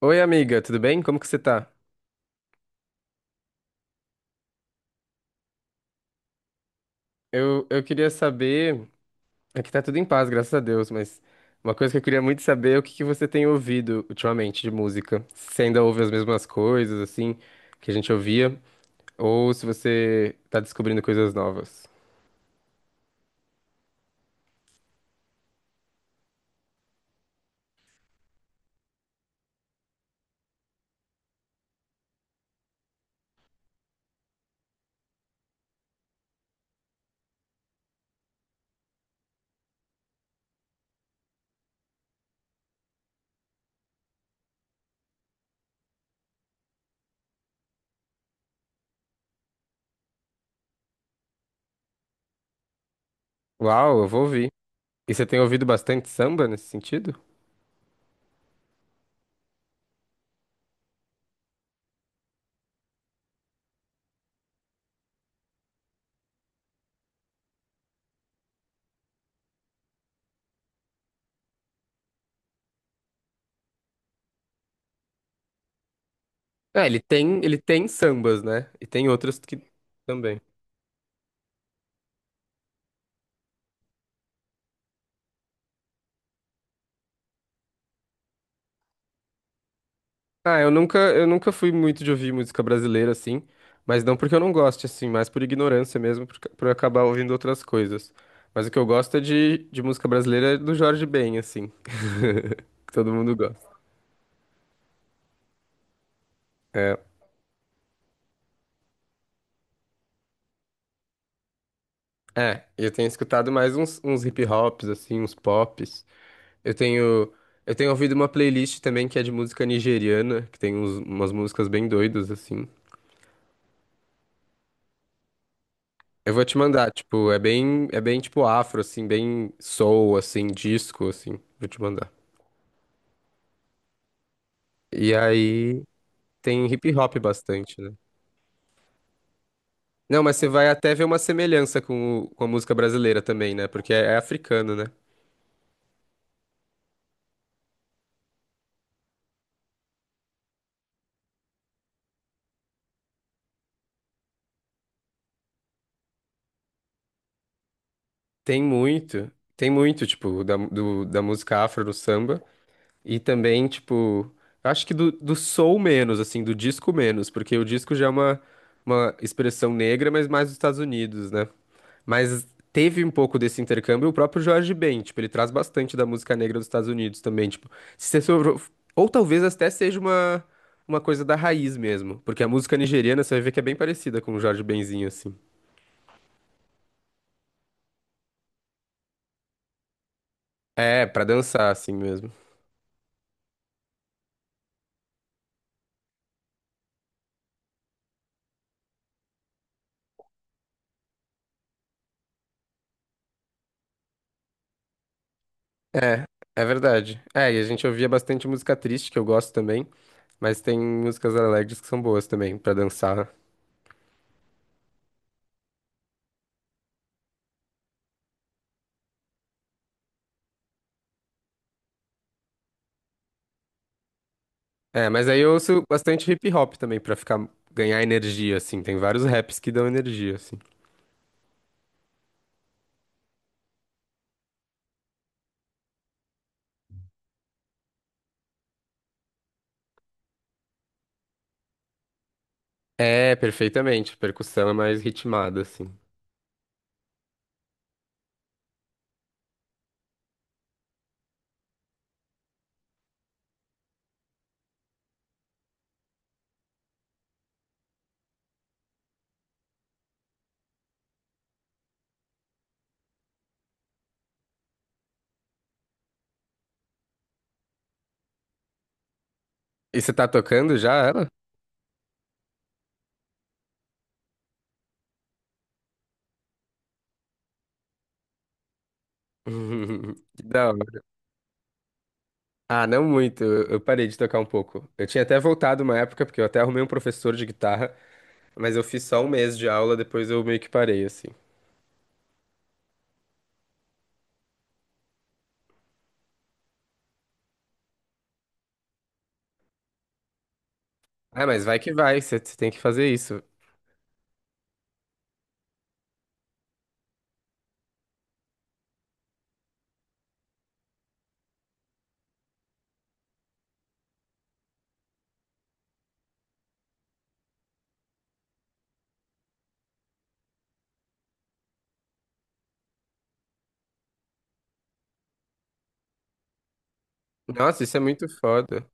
Oi, amiga, tudo bem? Como que você tá? Eu queria saber. Aqui tá tudo em paz, graças a Deus, mas uma coisa que eu queria muito saber é o que que você tem ouvido ultimamente de música. Se você ainda ouve as mesmas coisas, assim, que a gente ouvia, ou se você tá descobrindo coisas novas. Uau, eu vou ouvir. E você tem ouvido bastante samba nesse sentido? É, ele tem sambas, né? E tem outras que também. Ah, eu nunca fui muito de ouvir música brasileira, assim, mas não porque eu não goste, assim, mas por ignorância mesmo, por, por acabar ouvindo outras coisas. Mas o que eu gosto é de música brasileira do Jorge Ben, assim, que todo mundo gosta. É, é, eu tenho escutado mais uns hip hops, assim, uns pops. Eu tenho, eu tenho ouvido uma playlist também que é de música nigeriana, que tem umas músicas bem doidas, assim. Eu vou te mandar, tipo, é bem tipo afro, assim, bem soul, assim, disco, assim. Vou te mandar. E aí tem hip hop bastante, né? Não, mas você vai até ver uma semelhança com, com a música brasileira também, né? Porque é, é africano, né? Tem muito, tem muito, tipo, da música afro no samba. E também, tipo, acho que do soul menos, assim, do disco menos, porque o disco já é uma expressão negra, mas mais dos Estados Unidos, né? Mas teve um pouco desse intercâmbio o próprio Jorge Ben, tipo, ele traz bastante da música negra dos Estados Unidos também, tipo, se você sobrou... ou talvez até seja uma coisa da raiz mesmo, porque a música nigeriana você vai ver que é bem parecida com o Jorge Benzinho assim. É, pra dançar assim mesmo. É, é verdade. É, e a gente ouvia bastante música triste que eu gosto também, mas tem músicas alegres que são boas também pra dançar. É, mas aí eu ouço bastante hip hop também pra ficar ganhar energia assim, tem vários raps que dão energia assim. É, perfeitamente. Percussão é mais ritmada, assim. E você tá tocando já ela? Que da hora. Ah, não muito. Eu parei de tocar um pouco. Eu tinha até voltado uma época, porque eu até arrumei um professor de guitarra, mas eu fiz só um mês de aula, depois eu meio que parei, assim. Ah, mas vai que vai, você tem que fazer isso. Nossa, isso é muito foda.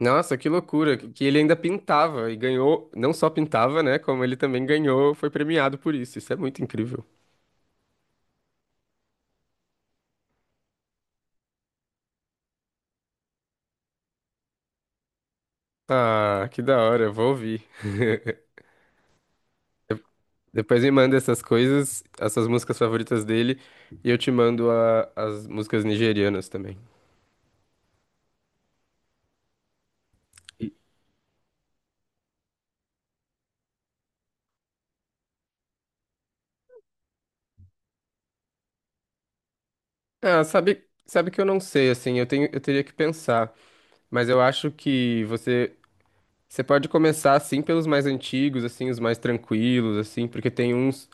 Nossa, que loucura, que ele ainda pintava e ganhou, não só pintava, né, como ele também ganhou, foi premiado por isso. Isso é muito incrível. Ah, que da hora, eu vou ouvir. Depois me manda essas coisas, essas músicas favoritas dele, e eu te mando as músicas nigerianas também. E- Ah, sabe, sabe que eu não sei, assim, eu tenho, eu teria que pensar, mas eu acho que você, você pode começar, assim, pelos mais antigos, assim, os mais tranquilos, assim, porque tem uns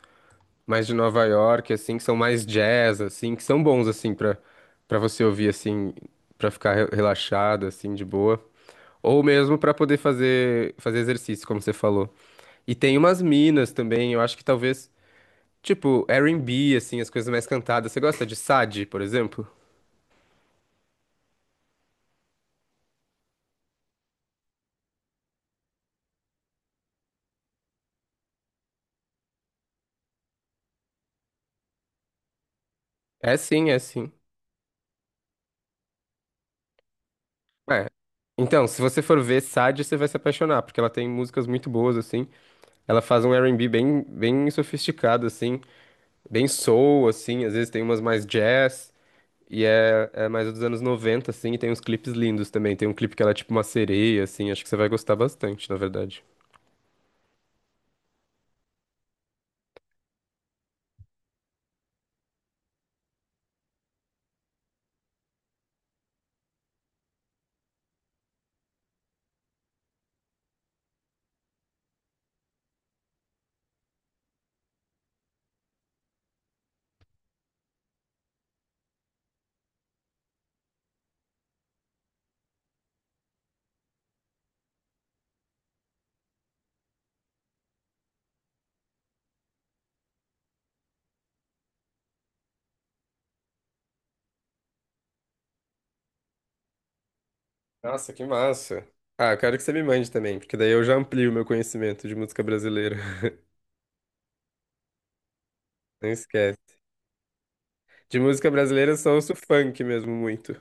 mais de Nova York, assim, que são mais jazz, assim, que são bons, assim, pra, pra você ouvir, assim, pra ficar relaxado, assim, de boa. Ou mesmo pra poder fazer, fazer exercício, como você falou. E tem umas minas também, eu acho que talvez, tipo, R&B, assim, as coisas mais cantadas. Você gosta de Sade, por exemplo? É sim, é sim. É. Então, se você for ver Sade, você vai se apaixonar, porque ela tem músicas muito boas, assim. Ela faz um R&B bem, bem sofisticado, assim, bem soul, assim, às vezes tem umas mais jazz, e é, é mais dos anos 90 assim, e tem uns clipes lindos também. Tem um clipe que ela é tipo uma sereia, assim, acho que você vai gostar bastante, na verdade. Nossa, que massa. Ah, eu quero que você me mande também, porque daí eu já amplio o meu conhecimento de música brasileira. Não esquece. De música brasileira eu só ouço funk mesmo muito.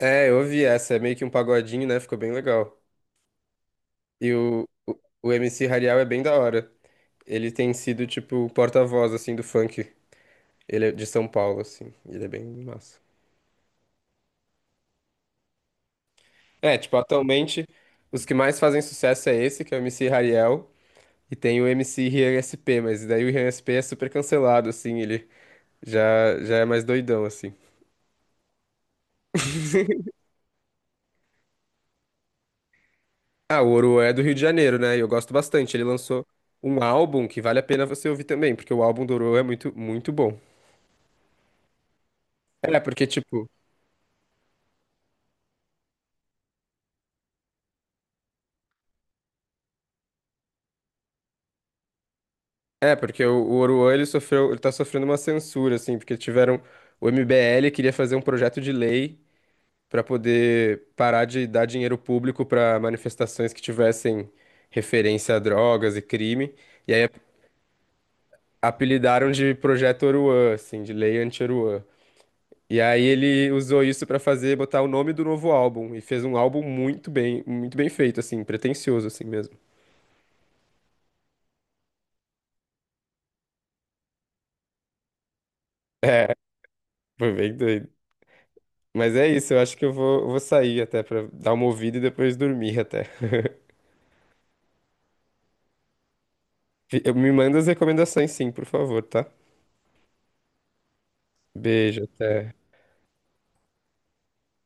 É, eu ouvi essa, é meio que um pagodinho, né? Ficou bem legal. E o MC Hariel é bem da hora. Ele tem sido, tipo, o porta-voz, assim, do funk. Ele é de São Paulo, assim. Ele é bem massa. É, tipo, atualmente, os que mais fazem sucesso é esse, que é o MC Hariel. E tem o MC Rian SP, mas daí o Rian SP é super cancelado, assim, ele... Já, já é mais doidão, assim. Ah, o Oruan é do Rio de Janeiro, né? E eu gosto bastante. Ele lançou um álbum que vale a pena você ouvir também, porque o álbum do Ouro é muito, muito bom. É, porque, tipo, é, porque o Oruan, ele sofreu, ele tá sofrendo uma censura, assim, porque tiveram, o MBL queria fazer um projeto de lei pra poder parar de dar dinheiro público pra manifestações que tivessem referência a drogas e crime, e aí apelidaram de Projeto Oruan, assim, de Lei Anti-Oruan. E aí ele usou isso pra fazer, botar o nome do novo álbum. E fez um álbum muito bem feito, assim, pretensioso, assim mesmo. É, foi bem doido. Mas é isso, eu acho que eu vou, vou sair até pra dar uma ouvida e depois dormir até. Fi- Eu me manda as recomendações, sim, por favor, tá? Beijo, até.